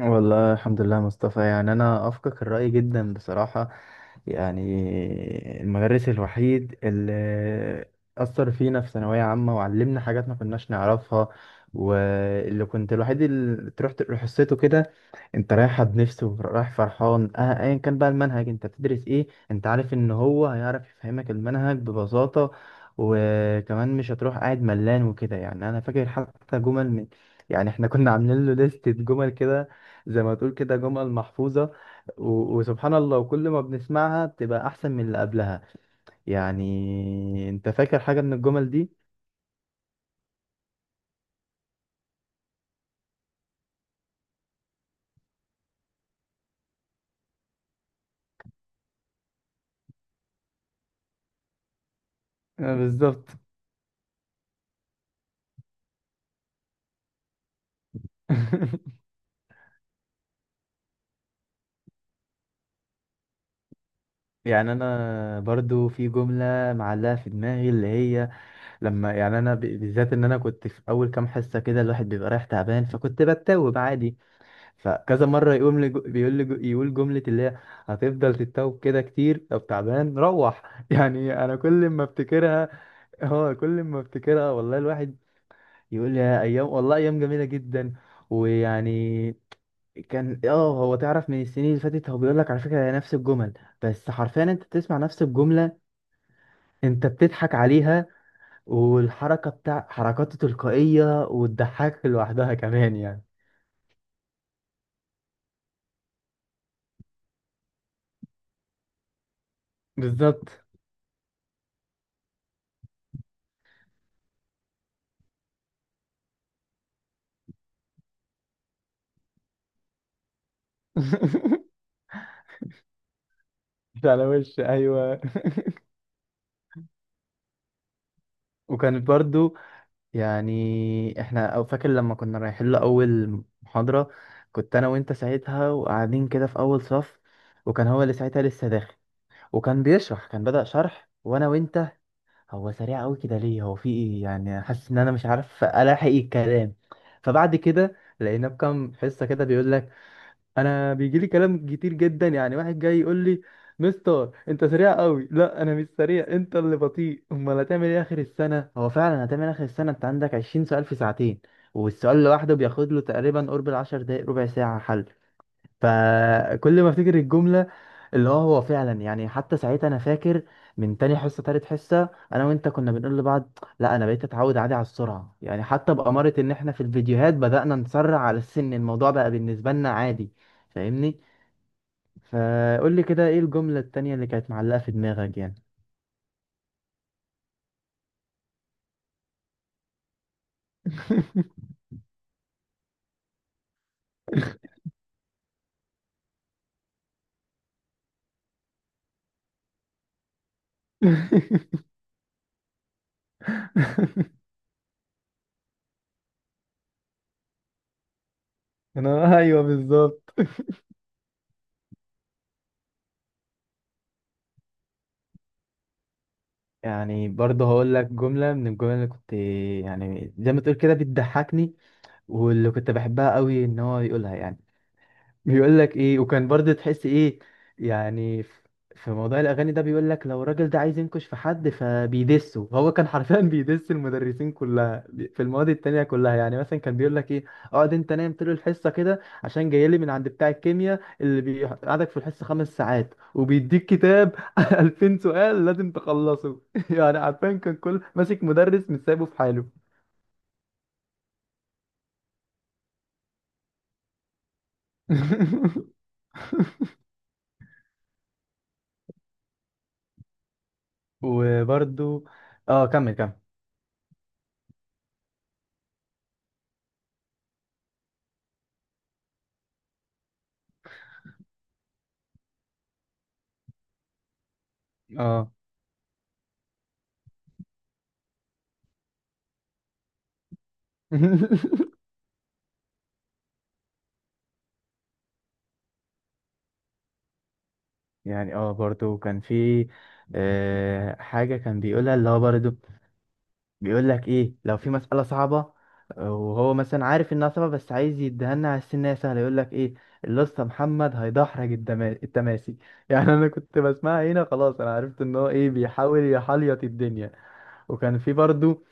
والله الحمد لله يا مصطفى، يعني انا اوافقك الرأي جدا بصراحة. يعني المدرس الوحيد اللي اثر فينا في ثانوية عامة وعلمنا حاجات ما كناش نعرفها، واللي كنت الوحيد اللي تروح حصته كده. انت رايح بنفسه ورايح فرحان، اه ايا كان بقى المنهج انت بتدرس ايه، انت عارف ان هو هيعرف يفهمك المنهج ببساطة. وكمان مش هتروح قاعد ملان وكده. يعني انا فاكر حتى جمل من يعني احنا كنا عاملين له لستة جمل كده، زي ما تقول كده جمل محفوظة. و... وسبحان الله، وكل ما بنسمعها بتبقى احسن من اللي قبلها. يعني انت فاكر حاجة من الجمل دي؟ آه، بالظبط. يعني انا برضو في جملة معلقة في دماغي، اللي هي لما يعني بالذات ان انا كنت في اول كام حصه كده الواحد بيبقى رايح تعبان، فكنت بتوب عادي. فكذا مره يقوم لي جو- بيقول لي جو- يقول جمله اللي هي هتفضل تتوب كده كتير، طب تعبان روح. يعني انا كل ما افتكرها، اه كل ما افتكرها والله الواحد يقول لي يا ايام، والله ايام جميله جدا. ويعني كان، اه هو تعرف من السنين اللي فاتت هو بيقول لك على فكره هي نفس الجمل، بس حرفيا انت بتسمع نفس الجمله، انت بتضحك عليها. والحركة بتاع حركاته تلقائية وتضحكك لوحدها كمان يعني. بالظبط. مش على وش، ايوه. وكانت برضو، يعني احنا او فاكر لما كنا رايحين له اول محاضرة، كنت انا وانت ساعتها وقاعدين كده في اول صف، وكان هو اللي ساعتها لسه داخل، وكان بيشرح كان بدأ شرح. وانا وانت، هو سريع قوي كده ليه؟ هو في ايه؟ يعني حاسس ان انا مش عارف الاحق الكلام. فبعد كده لقيناه بكام حصة كده بيقول لك، انا بيجي لي كلام كتير جدا، يعني واحد جاي يقول لي مستر انت سريع قوي، لا انا مش سريع انت اللي بطيء، امال هتعمل ايه اخر السنه؟ هو فعلا هتعمل اخر السنه انت عندك 20 سؤال في ساعتين، والسؤال لوحده بياخد له تقريبا قرب العشر دقايق ربع ساعه حل. فكل ما افتكر الجمله اللي هو، هو فعلا يعني حتى ساعتها انا فاكر من تاني حصه تالت حصه انا وانت كنا بنقول لبعض، لا انا بقيت اتعود عادي على السرعه. يعني حتى بأمارة ان احنا في الفيديوهات بدأنا نسرع على السن، الموضوع بقى بالنسبه لنا عادي، فاهمني؟ فقول لي كده ايه الجمله التانيه اللي كانت معلقه في دماغك يعني. انا ايوه بالظبط. يعني برضه هقول لك جمله من الجمل اللي كنت، يعني زي ما تقول كده بتضحكني، واللي كنت بحبها قوي ان هو يقولها يعني. بيقول لك ايه، وكان برضه تحس ايه يعني. في موضوع الاغاني ده بيقول لك، لو الراجل ده عايز ينكش في حد فبيدسه. هو كان حرفيا بيدس المدرسين كلها في المواد التانية كلها. يعني مثلا كان بيقول لك ايه، اقعد انت نايم طول الحصه كده عشان جاي لي من عند بتاع الكيمياء اللي بيقعدك في الحصه خمس ساعات وبيديك كتاب 2000 سؤال لازم تخلصه. يعني عارفين كان كل ماسك مدرس مش سايبه في حاله. وبرضو، اه كمل كمل. اه. يعني اه برضو كان في، آه حاجة كان بيقولها اللي هو برضو، بيقول لك ايه لو في مسألة صعبة، آه، وهو مثلا عارف انها صعبة بس عايز يديها لنا على السن إنها سهلة، يقول لك ايه الاسطى محمد هيدحرج التماسي. يعني انا كنت بسمعها هنا خلاص، انا عرفت ان هو ايه بيحاول يحليط الدنيا. وكان في برضو،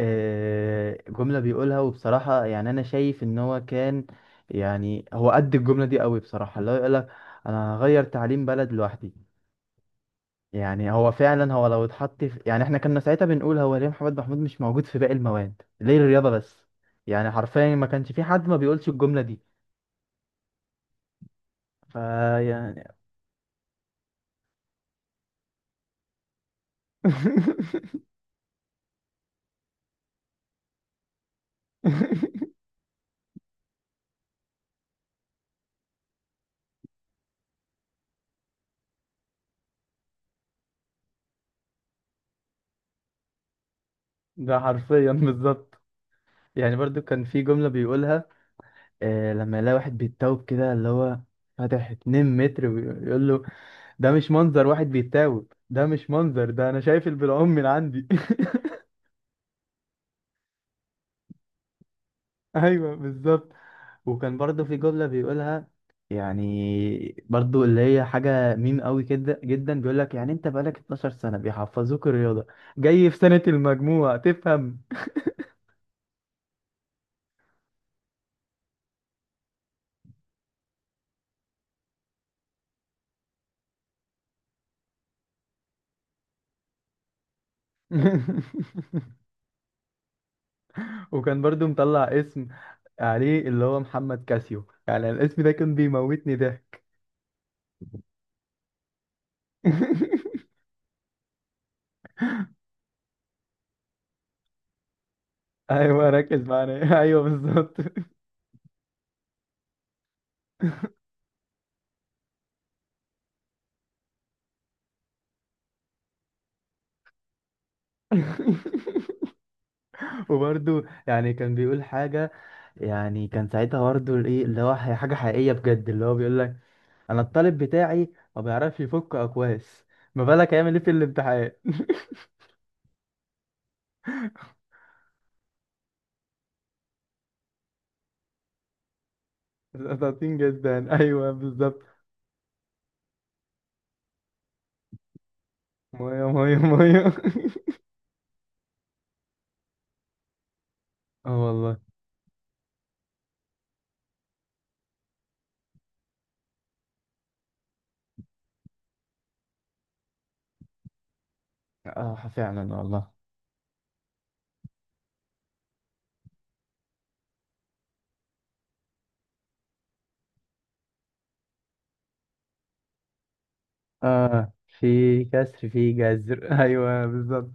آه، جملة بيقولها وبصراحة يعني أنا شايف إن هو كان، يعني هو قد الجملة دي قوي بصراحة، اللي هو يقولك أنا هغير تعليم بلد لوحدي. يعني هو فعلا، هو لو اتحط في، يعني احنا كنا ساعتها بنقول هو ليه محمد محمود مش موجود في باقي المواد، ليه الرياضة بس؟ يعني حرفيا ما كانش في حد ما بيقولش الجملة دي. فيعني، ده حرفيا بالظبط. يعني برضو كان في جملة بيقولها آه لما يلاقي واحد بيتوب كده اللي هو فاتح 2 متر، ويقول له ده مش منظر واحد بيتاوب، ده مش منظر، ده انا شايف البلعوم من عندي. ايوه بالظبط. وكان برضو في جملة بيقولها، يعني برضو اللي هي حاجة ميم قوي كده جدا، بيقول لك يعني انت بقالك 12 سنة بيحفظوك الرياضة، جاي في سنة المجموع تفهم. وكان برضو مطلع اسم عليه اللي هو محمد كاسيو، يعني الاسم ده كان بيموتني ضحك. ايوه ركز معايا. ايوه بالظبط. وبرده يعني كان بيقول حاجة، يعني كان ساعتها برضه ايه اللي هو حاجة حقيقية بجد، اللي هو بيقول لك انا الطالب بتاعي ما بيعرفش يفك اكواس، ما بالك هيعمل ايه في الامتحان. ساطين جدا، ايوه بالظبط. ميه ميه ميه. اه والله. اه فعلا والله. اه في كسر في جذر. ايوه بالظبط.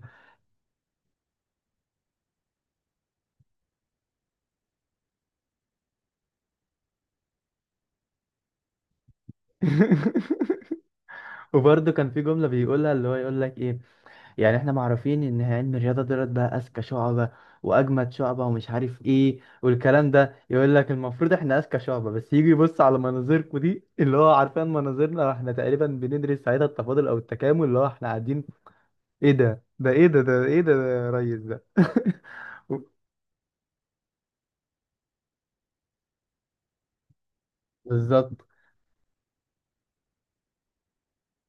وبرضه كان في جملة بيقولها اللي هو يقول لك ايه، يعني احنا معروفين ان علم الرياضه دولت بقى اذكى شعبه واجمد شعبه ومش عارف ايه والكلام ده، يقول لك المفروض احنا اذكى شعبه بس يجي يبص على مناظركم دي اللي هو، عارفين مناظرنا احنا تقريبا بندرس ساعتها التفاضل او التكامل اللي هو احنا قاعدين ايه ده، ده ايه ده، ده ايه ده, ده يا ريس ده. بالظبط.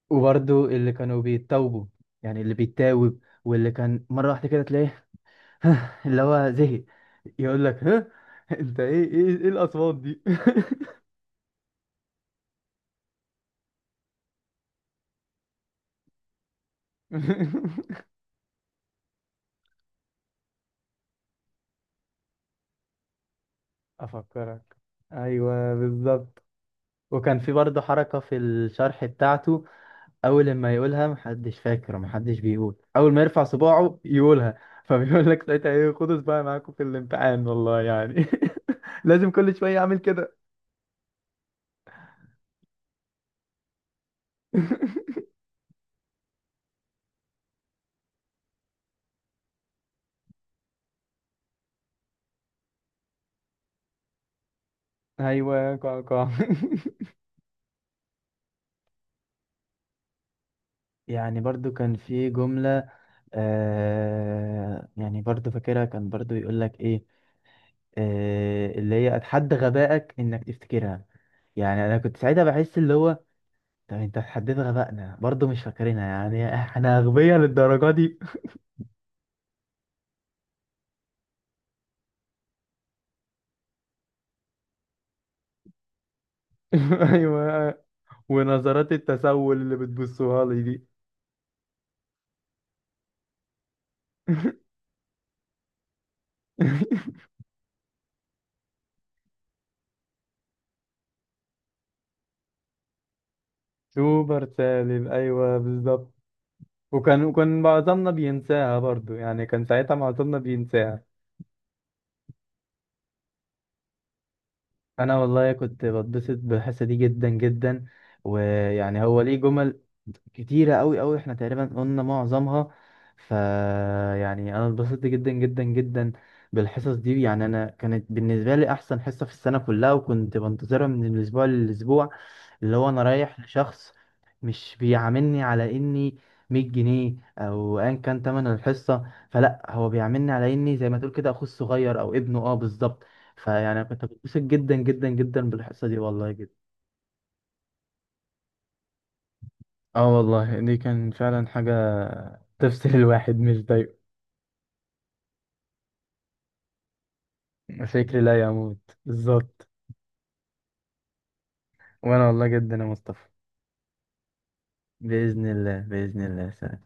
وبرده اللي كانوا بيتوبوا، يعني اللي بيتاوب، واللي كان مره واحده كده تلاقيه اللي هو زهق، يقول لك ها انت ايه ايه ايه الاصوات دي. افكرك، ايوه بالظبط. وكان في برضه حركه في الشرح بتاعته، اول ما يقولها محدش فاكر ومحدش بيقول، اول ما يرفع صباعه يقولها. فبيقول لك ساعتها ايه، خدوا صباعي معاكم في الامتحان والله يعني. لازم كل شويه اعمل كده. ايوه كوع كوع. يعني برضو كان في جمله آه، يعني برضو فاكرها، كان برضو يقول لك ايه آه، اللي هي اتحدى غبائك انك تفتكرها. يعني انا كنت ساعتها بحس اللي هو، طب انت اتحديت غبائنا برضه مش فاكرينها، يعني احنا اغبياء للدرجه دي؟ ايوه. ونظرات التسول اللي بتبصوها لي دي. سوبر سالم ايوه بالظبط. وكان معظمنا بينساها برضو، يعني كان ساعتها معظمنا بينساها. انا والله كنت بتبسط بالحصه دي جدا جدا. ويعني هو ليه جمل كتيرة أوي أوي، احنا تقريبا قلنا معظمها. ف يعني أنا اتبسطت جدا جدا جدا بالحصص دي. يعني أنا كانت بالنسبة لي أحسن حصة في السنة كلها، وكنت بنتظرها من الأسبوع للأسبوع. اللي هو أنا رايح لشخص مش بيعاملني على إني 100 جنيه أو أيا كان تمن الحصة، فلا هو بيعاملني على إني زي ما تقول كده أخوه الصغير أو ابنه، أه بالظبط. فيعني كنت بتبسط جدا جدا جدا بالحصة دي والله جدا. اه والله دي كان فعلا حاجة تفصل. الواحد مش ضايقه. فكري لا يموت بالظبط. وانا والله جدا يا مصطفى. بإذن الله بإذن الله سلام.